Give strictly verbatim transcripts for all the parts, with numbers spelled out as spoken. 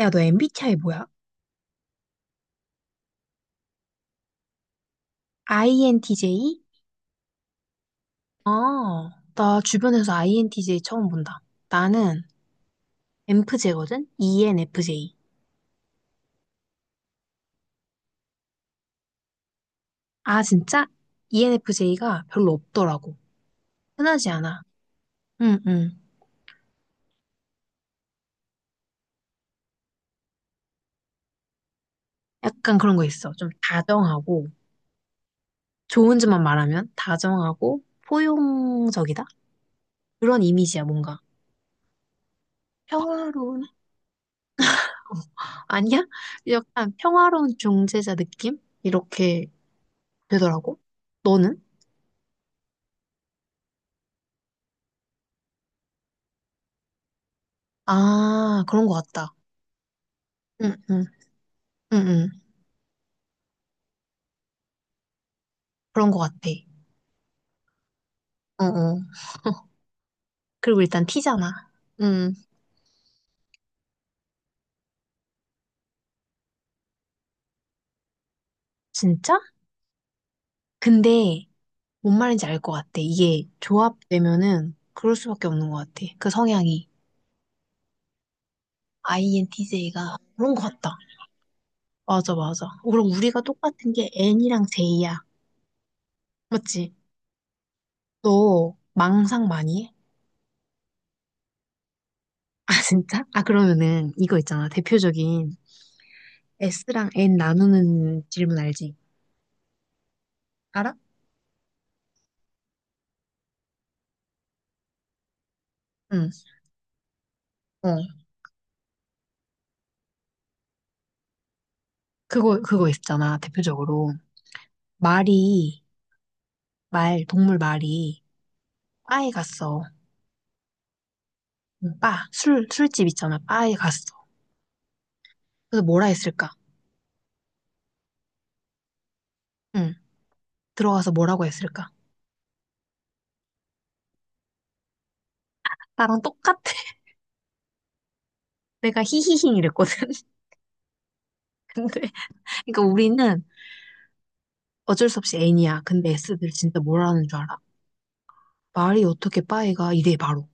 야, 너 엠비티아이 뭐야? INTJ? 아, 나 주변에서 아이엔티제이 처음 본다. 나는 이엔에프제이거든? 이엔에프제이. 아, 진짜? 이엔에프제이가 별로 없더라고. 흔하지 않아. 응, 응. 약간 그런 거 있어. 좀 다정하고, 좋은 점만 말하면 다정하고, 포용적이다? 그런 이미지야, 뭔가. 평화로운, 아니야? 약간 평화로운 중재자 느낌? 이렇게 되더라고. 너는? 아, 그런 거 같다. 응, 응. 응, 응. 그런 것 같아. 어, 어. 그리고 일단 티잖아. 응, 진짜? 근데 뭔 말인지 알 것 같아. 이게 조합되면은 그럴 수밖에 없는 것 같아. 그 성향이. 아이엔티제이가 그런 것 같다. 맞아, 맞아. 어, 그럼 우리가 똑같은 게 엔이랑 제이야. 맞지? 너 망상 많이 해? 아, 진짜? 아, 그러면은 이거 있잖아. 대표적인 에스랑 엔 나누는 질문 알지? 알아? 응. 어. 그거, 그거 있잖아. 대표적으로. 말이 말, 동물 말이 바에 갔어. 응, 바, 술, 술집 있잖아. 바에 갔어. 그래서 뭐라 했을까? 응, 들어가서 뭐라고 했을까? 나랑 똑같아. 내가 히히힝 이랬거든. 근데, 그러니까 우리는 어쩔 수 없이 엔이야. 근데 에스들 진짜 뭐라는 줄 알아? 말이 어떻게 바에 가? 이래, 바로.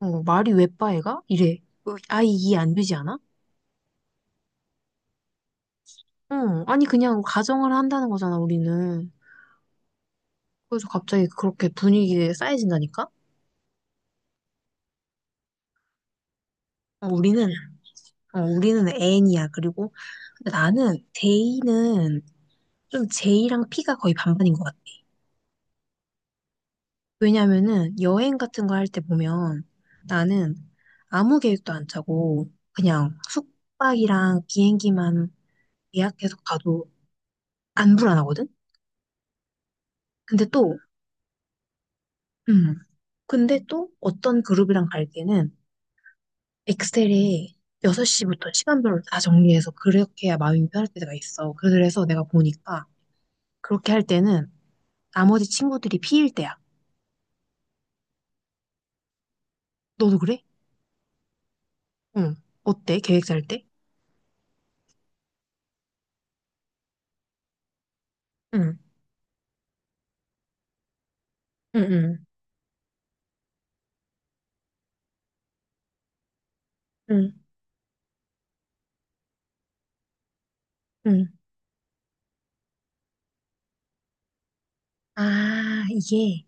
어, 말이 왜 바에 가? 이래. 어, 아예 이해 안 되지 않아? 응, 아니, 그냥 가정을 한다는 거잖아, 우리는. 그래서 갑자기 그렇게 분위기에 쌓여진다니까? 어, 우리는 어, 우리는 엔이야. 그리고 나는 제이는 좀 제이랑 피가 거의 반반인 것 같아. 왜냐면은 여행 같은 거 할 때 보면 나는 아무 계획도 안 짜고 그냥 숙박이랑 비행기만 예약해서 가도 안 불안하거든? 근데 또, 음, 근데 또 어떤 그룹이랑 갈 때는 엑셀에 여섯 시부터 시간별로 다 정리해서 그렇게 해야 마음이 편할 때가 있어. 그래서 내가 보니까 그렇게 할 때는 나머지 친구들이 피일 때야. 너도 그래? 응. 어때? 계획 짤 때? 응, 응, 응, 응, 응. 아, 이게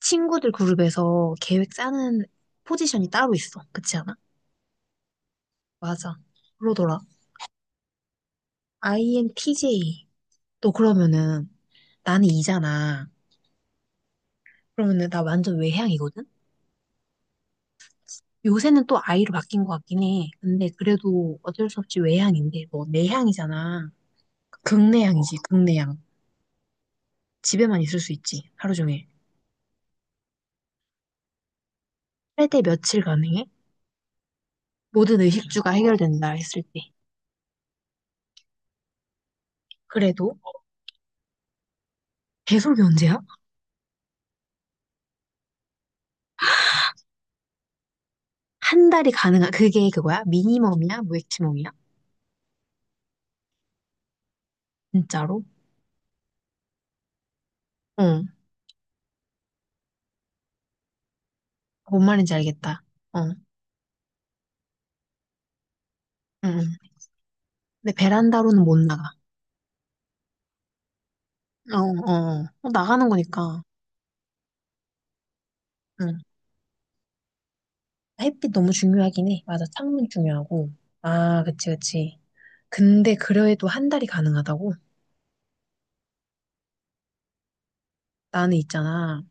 친구들 그룹에서 계획 짜는 포지션이 따로 있어. 그렇지 않아? 맞아. 그러더라. 아이엔티제이. 너 그러면은 나는 이잖아. 그러면은 나 완전 외향이거든? 요새는 또 아이로 바뀐 것 같긴 해. 근데 그래도 어쩔 수 없이 외향인데 뭐 내향이잖아. 극내향이지, 극내향. 집에만 있을 수 있지, 하루 종일. 할 때 며칠 가능해? 모든 의식주가 해결된다 했을 때. 그래도 배속이 언제야? 한 달이 가능한, 그게 그거야? 미니멈이야? 무액치멈이야? 진짜로? 응. 뭔 말인지 알겠다. 어. 응. 응. 근데 베란다로는 못 나가. 어, 어. 어, 나가는 거니까. 응. 햇빛 너무 중요하긴 해. 맞아, 창문 중요하고. 아, 그치, 그치. 근데 그래도 한 달이 가능하다고? 나는 있잖아.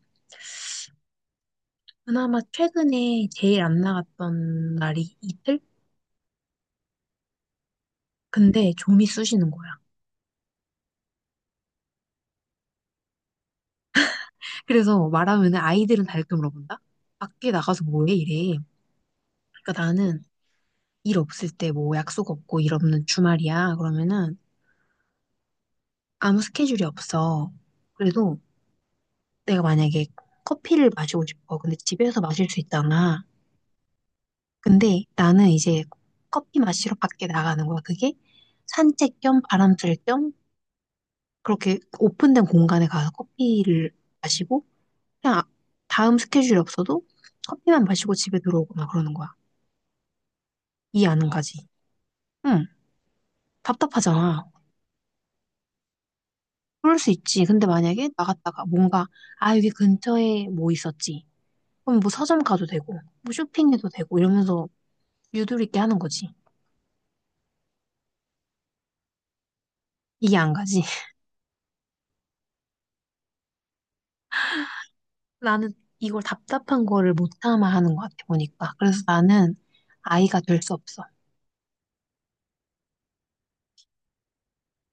그나마 최근에 제일 안 나갔던 날이 이틀? 근데 좀이 쑤시는 거야. 그래서 말하면은 아이들은 다 이렇게 물어본다? 밖에 나가서 뭐해? 이래. 그러니까 나는 일 없을 때 뭐 약속 없고 일 없는 주말이야. 그러면은 아무 스케줄이 없어. 그래도 내가 만약에 커피를 마시고 싶어. 근데 집에서 마실 수 있잖아. 근데 나는 이제 커피 마시러 밖에 나가는 거야. 그게 산책 겸 바람 쐴겸 그렇게 오픈된 공간에 가서 커피를 마시고 그냥 아- 다음 스케줄이 없어도 커피만 마시고 집에 들어오거나 그러는 거야. 이해 안 가지? 응, 답답하잖아. 그럴 수 있지. 근데 만약에 나갔다가 뭔가, 아, 여기 근처에 뭐 있었지. 그럼 뭐 서점 가도 되고, 뭐 쇼핑해도 되고 이러면서 유도리 있게 하는 거지. 이게 안 가지. 나는 이걸 답답한 거를 못 참아 하는 것 같아, 보니까. 그래서 나는 아이가 될 수 없어.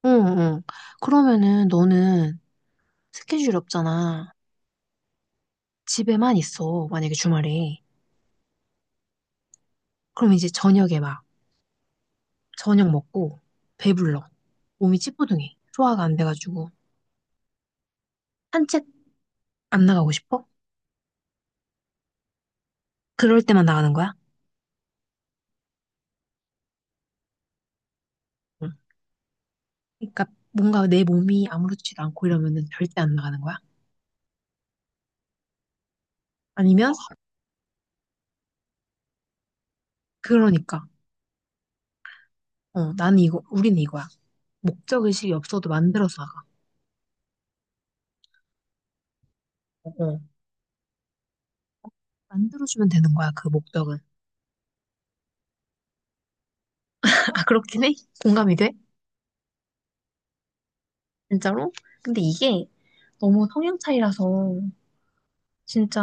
응, 응. 그러면은 너는 스케줄이 없잖아. 집에만 있어, 만약에 주말에. 그럼 이제 저녁에 막, 저녁 먹고, 배불러. 몸이 찌뿌둥해. 소화가 안 돼가지고. 산책 안 나가고 싶어? 그럴 때만 나가는 거야? 응. 그러니까 뭔가 내 몸이 아무렇지도 않고 이러면은 절대 안 나가는 거야? 아니면 그러니까 어 나는 이거 우리는 이거야 목적 의식이 없어도 만들어서 나가 어, 어. 만들어주면 되는 거야 그 목적은 아 그렇긴 해 공감이 돼 진짜로 근데 이게 너무 성향 차이라서 진짜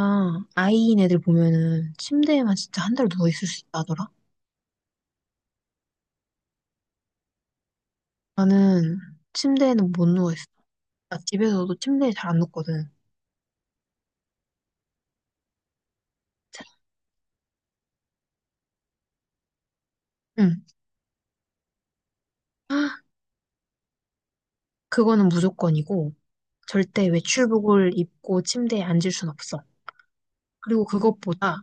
아이인 애들 보면은 침대에만 진짜 한 달 누워 있을 수 있다더라 나는 침대에는 못 누워 있어 나 집에서도 침대에 잘 안 눕거든 응 그거는 무조건이고, 절대 외출복을 입고 침대에 앉을 순 없어. 그리고 그것보다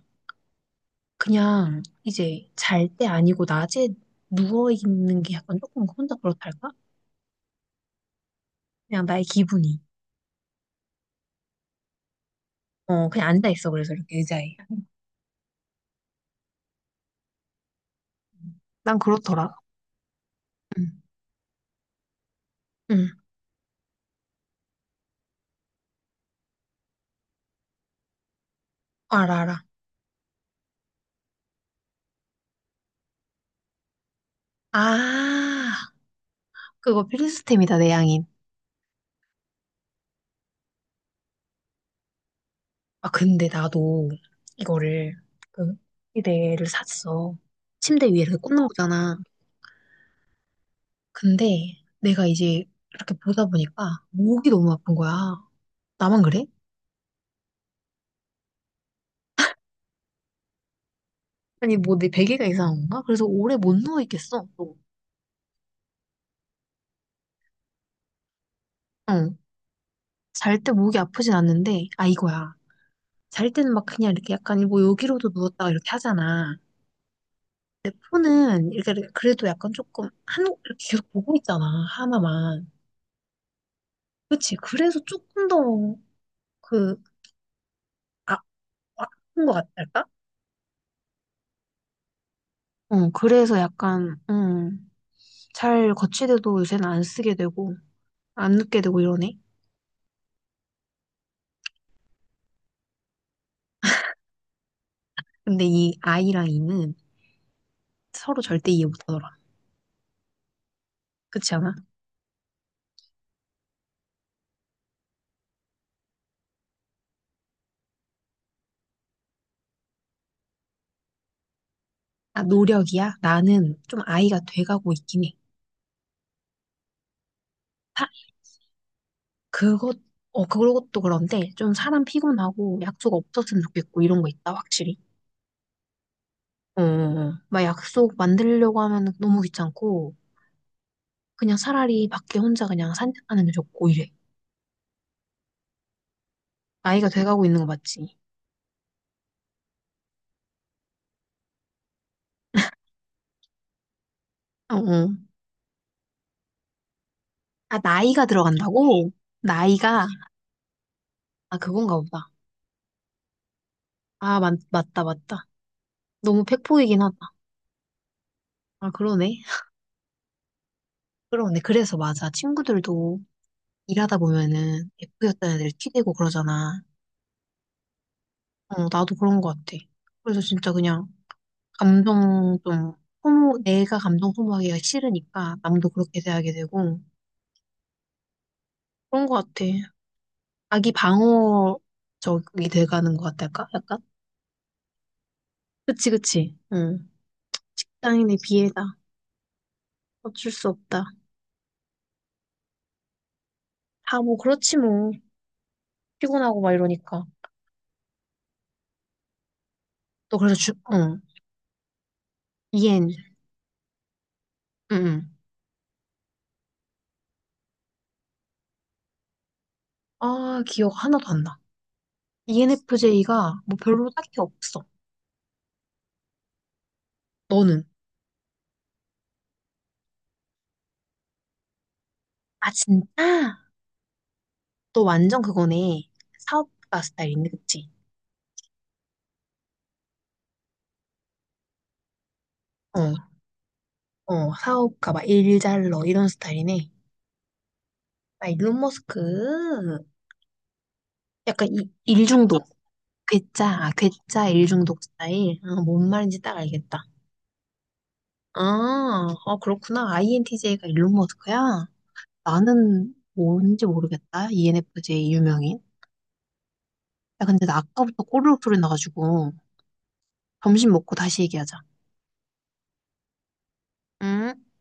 그냥 이제 잘 때 아니고 낮에 누워있는 게 약간 조금 혼자 그렇달까? 그냥 나의 기분이. 어, 그냥 앉아있어. 그래서 이렇게 의자에. 난 그렇더라. 응. 응, 어, 알아, 알아. 아, 그거 필수템이다, 내 양인. 아, 근데 나도 이거를, 그, 침대를 샀어. 침대 위에 이렇게 꽂는 거잖아. 근데 내가 이제 이렇게 보다 보니까 목이 너무 아픈 거야. 나만 그래? 아니, 뭐 내 베개가 이상한 건가? 그래서 오래 못 누워 있겠어. 또. 어. 잘 때 목이 아프진 않는데, 아, 이거야. 잘 때는 막 그냥 이렇게 약간 뭐 여기로도 누웠다가 이렇게 하잖아. 근데 폰은 이렇게 그래도 약간 조금 한, 이렇게 계속 보고 있잖아. 하나만. 그치. 그래서 조금 더 그, 아, 아픈 것 같달까? 어, 그래서 약간, 음, 잘 거치대도 요새는 안 쓰게 되고, 안 눕게 되고 이러네. 근데 이 아이랑 이는 서로 절대 이해 못하더라. 그렇지 않아? 아, 노력이야? 나는 좀 아이가 돼가고 있긴 해. 사- 그것, 어, 그것도 그런데 좀 사람 피곤하고 약속 없었으면 좋겠고 이런 거 있다, 확실히. 어, 어, 어. 막 약속 만들려고 하면 너무 귀찮고 그냥 차라리 밖에 혼자 그냥 산책하는 게 좋고 이래. 나이가 돼가고 있는 거 맞지? 어, 어. 아, 나이가 들어간다고? 나이가? 아, 그건가 보다. 아, 맞, 맞다, 맞다. 너무 팩폭이긴 하다. 아, 그러네. 그러네. 그래서 맞아. 친구들도 일하다 보면은 에프였던 애들 티 대고 그러잖아. 어, 나도 그런 것 같아. 그래서 진짜 그냥 감정 좀 소모, 내가 감정 소모하기가 싫으니까 남도 그렇게 대하게 되고 그런 것 같아. 자기 방어적이 돼가는 것 같달까? 약간? 그치, 그치. 응. 직장인의 비애다. 어쩔 수 없다. 다 뭐 그렇지 뭐. 피곤하고 막 이러니까. 또 그래서 주, 응. 이엔, 응. 응. 아, 기억 하나도 안 나. 이엔에프제이가 뭐 별로 딱히 없어. 너는? 아, 진짜? 너 완전 그거네. 사업가 스타일인데, 그치? 어, 어, 사업가 막 일잘러 이런 스타일이네. 아, 일론 머스크. 약간 이, 일중독. 괴짜, 아, 괴짜 일중독 스타일. 아, 뭔 말인지 딱 알겠다. 아, 아, 그렇구나. 아이엔티제이가 일론 머스크야? 나는 뭔지 모르겠다. 이엔에프제이 유명인. 야, 근데 나 아까부터 꼬르륵 소리 나가지고 점심 먹고 다시 얘기하자. 음.